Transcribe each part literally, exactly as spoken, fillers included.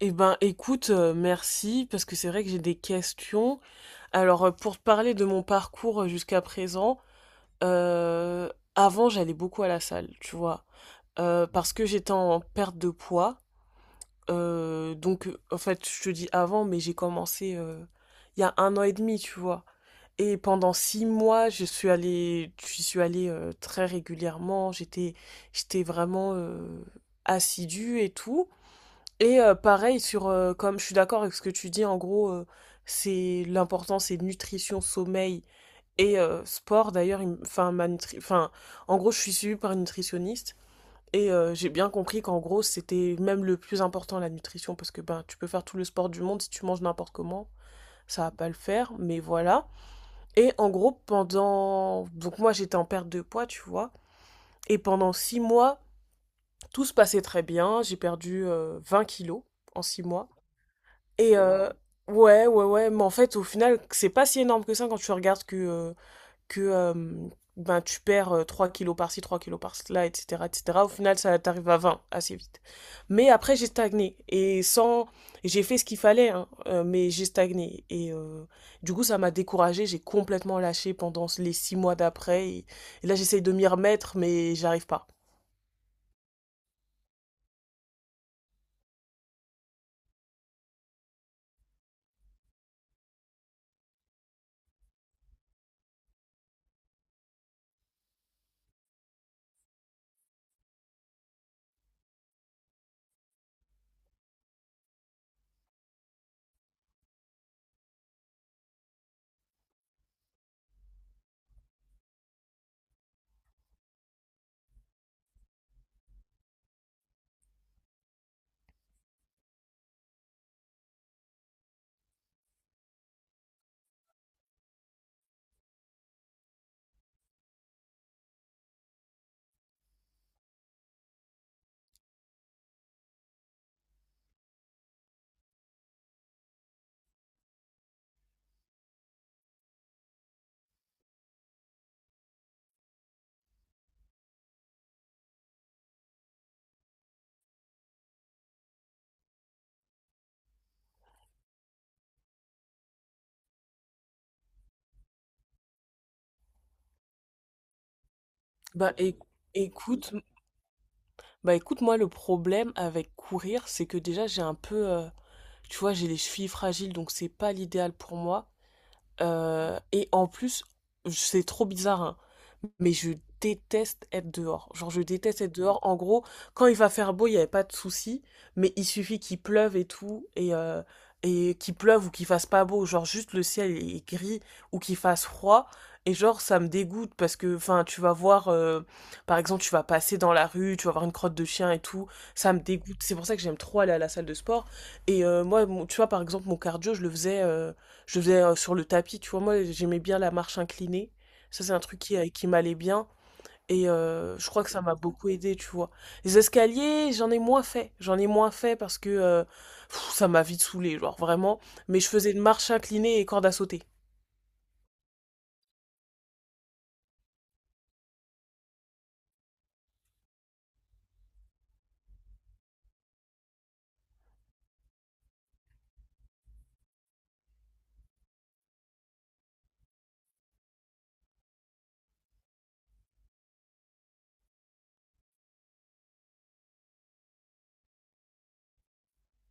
Eh ben, écoute, heu, merci parce que c'est vrai que j'ai des questions. Alors, heu, pour te parler de mon parcours, heu, jusqu'à présent, heu, avant j'allais beaucoup à la salle, tu vois? Heu, parce que j'étais en perte de poids, heu, donc, heu, en fait, je te dis avant, mais j'ai commencé, heu, il y a un an et demi, tu vois? Et pendant six mois, je suis allée je suis allée, heu, très régulièrement. J'étais j'étais vraiment, heu, assidue et tout. Et euh, pareil, sur, euh, comme je suis d'accord avec ce que tu dis, en gros, euh, c'est l'important, c'est nutrition, sommeil et euh, sport. D'ailleurs, il m- enfin, ma nutri- enfin, en gros, je suis suivie par une nutritionniste et euh, j'ai bien compris qu'en gros, c'était même le plus important, la nutrition, parce que ben, tu peux faire tout le sport du monde si tu manges n'importe comment. Ça va pas le faire, mais voilà. Et en gros, pendant... donc moi, j'étais en perte de poids, tu vois. Et pendant six mois, tout se passait très bien. J'ai perdu euh, vingt kilos en six mois. Et euh, ouais, ouais, ouais, mais en fait, au final, c'est pas si énorme que ça quand tu regardes que, euh, que euh, ben, tu perds euh, trois kilos par-ci, trois kilos par-là, et cetera, et cetera. Au final, ça t'arrive à vingt assez vite. Mais après, j'ai stagné. Et sans. J'ai fait ce qu'il fallait, hein, euh, mais j'ai stagné. Et euh, du coup, ça m'a découragée. J'ai complètement lâché pendant les six mois d'après. Et, et là, j'essaye de m'y remettre, mais j'arrive pas. Bah, éc- écoute, bah, écoute, moi, le problème avec courir, c'est que déjà, j'ai un peu. Tu vois, j'ai les chevilles fragiles, donc c'est pas l'idéal pour moi. Euh, et en plus, c'est trop bizarre, hein, mais je déteste être dehors. Genre, je déteste être dehors. En gros, quand il va faire beau, il n'y avait pas de souci, mais il suffit qu'il pleuve et tout, et, euh, et qu'il pleuve ou qu'il fasse pas beau, genre juste le ciel est gris ou qu'il fasse froid. Et genre, ça me dégoûte parce que, enfin, tu vas voir, euh, par exemple, tu vas passer dans la rue, tu vas voir une crotte de chien et tout, ça me dégoûte. C'est pour ça que j'aime trop aller à la salle de sport. Et euh, moi, mon- tu vois, par exemple, mon cardio, je le faisais. Euh, je faisais euh, sur le tapis, tu vois, moi j'aimais bien la marche inclinée. Ça, c'est un truc qui, euh, qui m'allait bien. Et euh, je crois que ça m'a beaucoup aidé, tu vois. Les escaliers, j'en ai moins fait. J'en ai moins fait parce que euh, pff, ça m'a vite saoulé, genre vraiment. Mais je faisais une marche inclinée et corde à sauter.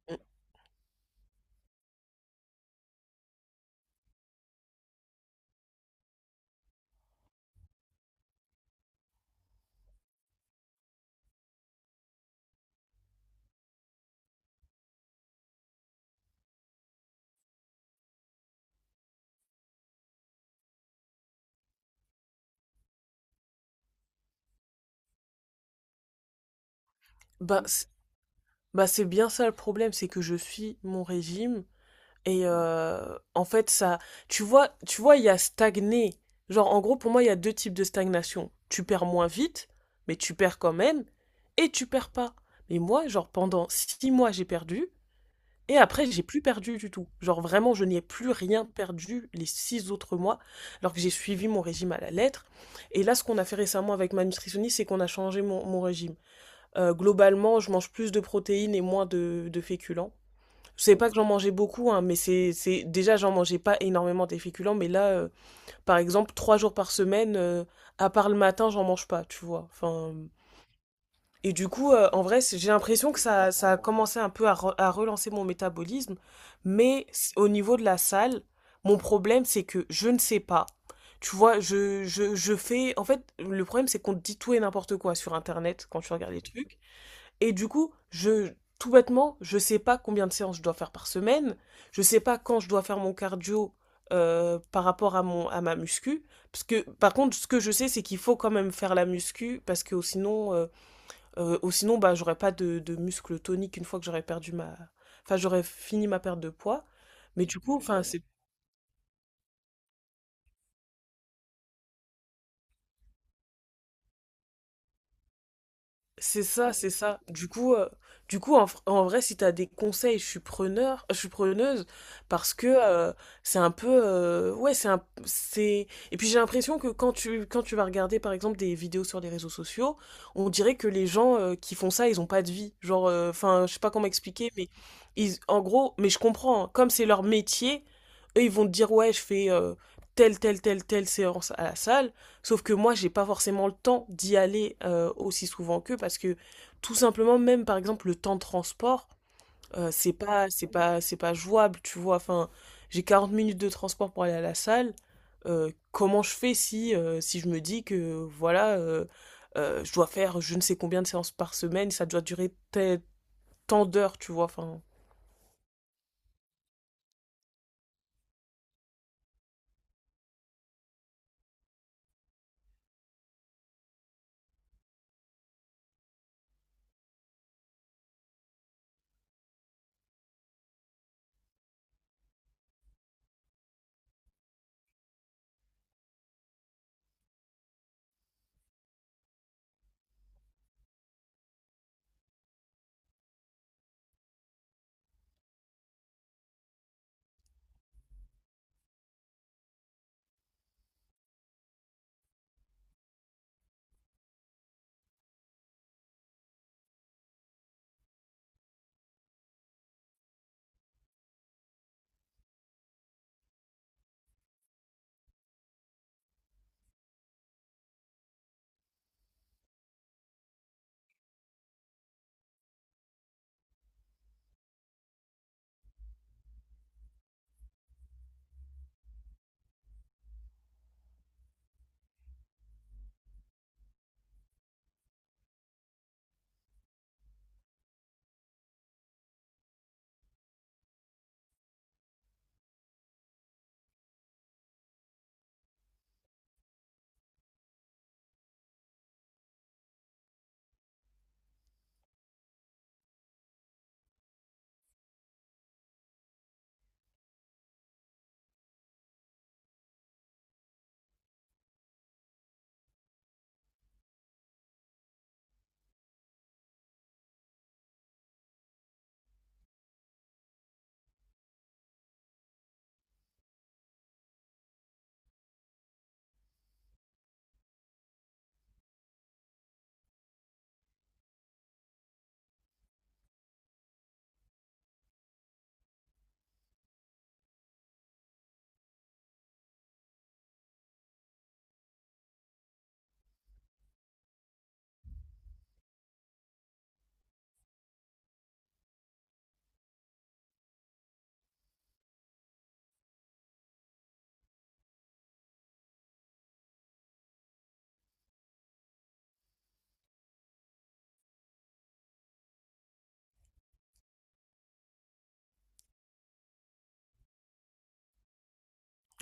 Mm. Bah, c'est bah, c'est bien ça le problème, c'est que je suis mon régime. Et euh, en fait, ça, tu vois, tu vois, il y a stagné. Genre, en gros, pour moi, il y a deux types de stagnation. Tu perds moins vite, mais tu perds quand même, et tu perds pas. Mais moi, genre, pendant six mois, j'ai perdu, et après, j'ai plus perdu du tout. Genre, vraiment, je n'y ai plus rien perdu les six autres mois, alors que j'ai suivi mon régime à la lettre. Et là, ce qu'on a fait récemment avec ma nutritionniste, c'est qu'on a changé mon, mon régime. Euh, globalement, je mange plus de protéines et moins de, de féculents. C'est pas que j'en mangeais beaucoup, hein, mais c'est, c'est déjà j'en mangeais pas énormément des féculents, mais là, euh, par exemple, trois jours par semaine, euh, à part le matin, j'en mange pas, tu vois. Enfin, et du coup, euh, en vrai, c'est- j'ai l'impression que ça, ça a commencé un peu à, re- à relancer mon métabolisme, mais c- au niveau de la salle, mon problème c'est que je ne sais pas. Tu vois, je, je, je fais. En fait, le problème c'est qu'on te dit tout et n'importe quoi sur Internet quand tu regardes les trucs. Et du coup, je, tout bêtement, je sais pas combien de séances je dois faire par semaine, je sais pas quand je dois faire mon cardio euh, par rapport à mon à ma muscu, parce que par contre ce que je sais c'est qu'il faut quand même faire la muscu parce que sinon euh, euh, au sinon bah j'aurais pas de, de muscle tonique une fois que j'aurais perdu ma enfin j'aurais fini ma perte de poids, mais du coup enfin c'est. C'est ça, c'est ça. Du coup, euh, du coup, en, fr- en vrai, si t'as des conseils, je suis preneur, je suis preneuse, parce que euh, c'est un peu, euh, ouais, c'est un, c'est. Et puis j'ai l'impression que quand tu, quand tu vas regarder, par exemple, des vidéos sur les réseaux sociaux, on dirait que les gens euh, qui font ça, ils ont pas de vie. Genre, euh, enfin, je sais pas comment expliquer, mais ils, en gros, mais je comprends, hein. Comme c'est leur métier, eux, ils vont te dire, ouais, je fais euh, telle, telle, telle, telle séance à la salle. Sauf que moi, j'ai pas forcément le temps d'y aller euh, aussi souvent qu'eux parce que tout simplement, même par exemple, le temps de transport, euh, c'est pas, c'est pas, c'est pas jouable, tu vois. Enfin, j'ai quarante minutes de transport pour aller à la salle. Euh, comment je fais si, euh, si je me dis que voilà, euh, euh, je dois faire je ne sais combien de séances par semaine, ça doit durer tel- tant d'heures, tu vois. Enfin,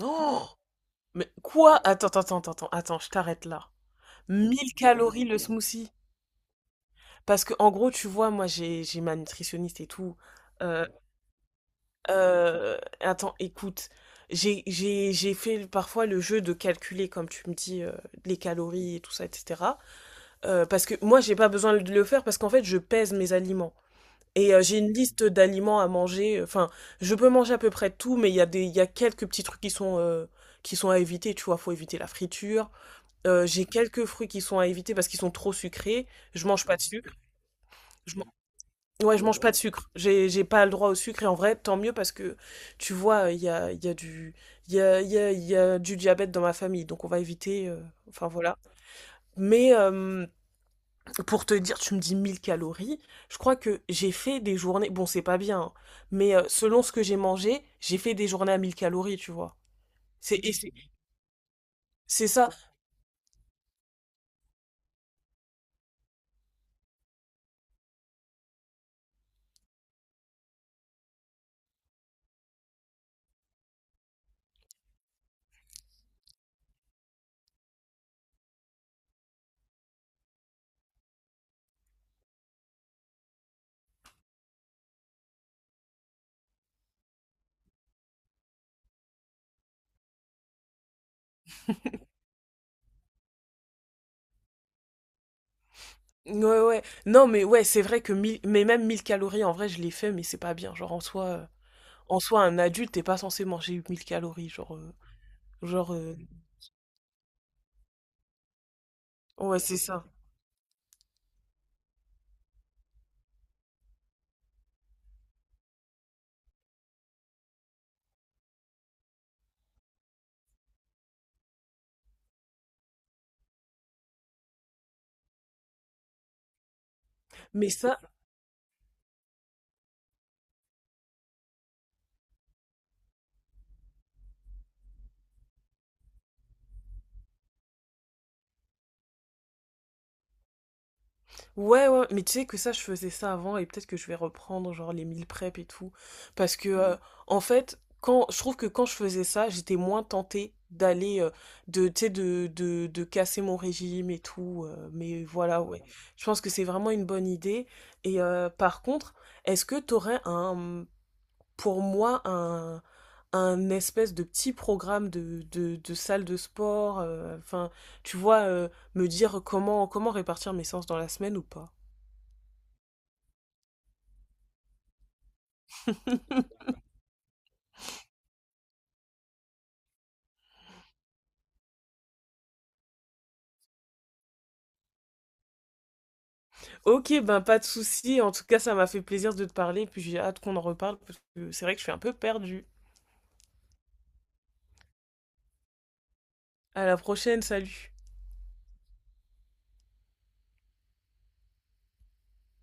oh, mais quoi? Attends, attends, attends, attends, attends, je t'arrête là. Mille calories le smoothie. Parce que en gros, tu vois, moi j'ai j'ai ma nutritionniste et tout. Euh, euh, attends, écoute, j'ai j'ai j'ai fait parfois le jeu de calculer, comme tu me dis, euh, les calories et tout ça, et cetera. Euh, parce que moi j'ai pas besoin de le faire parce qu'en fait je pèse mes aliments. Et euh, j'ai une liste d'aliments à manger. Enfin, je peux manger à peu près tout, mais il y a des il y a quelques petits trucs qui sont euh, qui sont à éviter. Tu vois, faut éviter la friture. Euh, j'ai quelques fruits qui sont à éviter parce qu'ils sont trop sucrés. Je mange pas de sucre. Ouais, je mange pas de sucre. J'ai, j'ai pas le droit au sucre. Et en vrai, tant mieux parce que, tu vois, il y a, il y a du, il y a, il y a- il y a du diabète dans ma famille. Donc, on va éviter, euh, enfin, voilà. Mais euh, pour te dire, tu me dis mille calories. Je crois que j'ai fait des journées. Bon, c'est pas bien, hein, mais euh, selon ce que j'ai mangé, j'ai fait des journées à mille calories, tu vois. C'est, et c'est, c'est ça. Ouais, ouais. Non, mais ouais, c'est vrai que mille. Mais même mille calories, en vrai, je l'ai fait, mais c'est pas bien. Genre, en soi. euh, En soi, un adulte, t'es pas censé manger mille calories, genre... euh, Genre, euh, ouais, c'est ça. Mais ça, ouais, ouais, mais tu sais que ça, je faisais ça avant et peut-être que je vais reprendre, genre, les meal prep et tout. Parce que, euh, en fait, quand, je trouve que quand je faisais ça, j'étais moins tentée d'aller, euh, de, tu sais, de, de, de casser mon régime et tout. Euh, mais voilà, ouais. Je pense que c'est vraiment une bonne idée. Et euh, par contre, est-ce que t'aurais un pour moi un un espèce de petit programme de, de, de salle de sport, euh, enfin, tu vois, euh, me dire comment, comment répartir mes séances dans la semaine ou pas. Ok, ben pas de souci, en tout cas, ça m'a fait plaisir de te parler, puis j'ai hâte qu'on en reparle, parce que c'est vrai que je suis un peu perdue. À la prochaine, salut!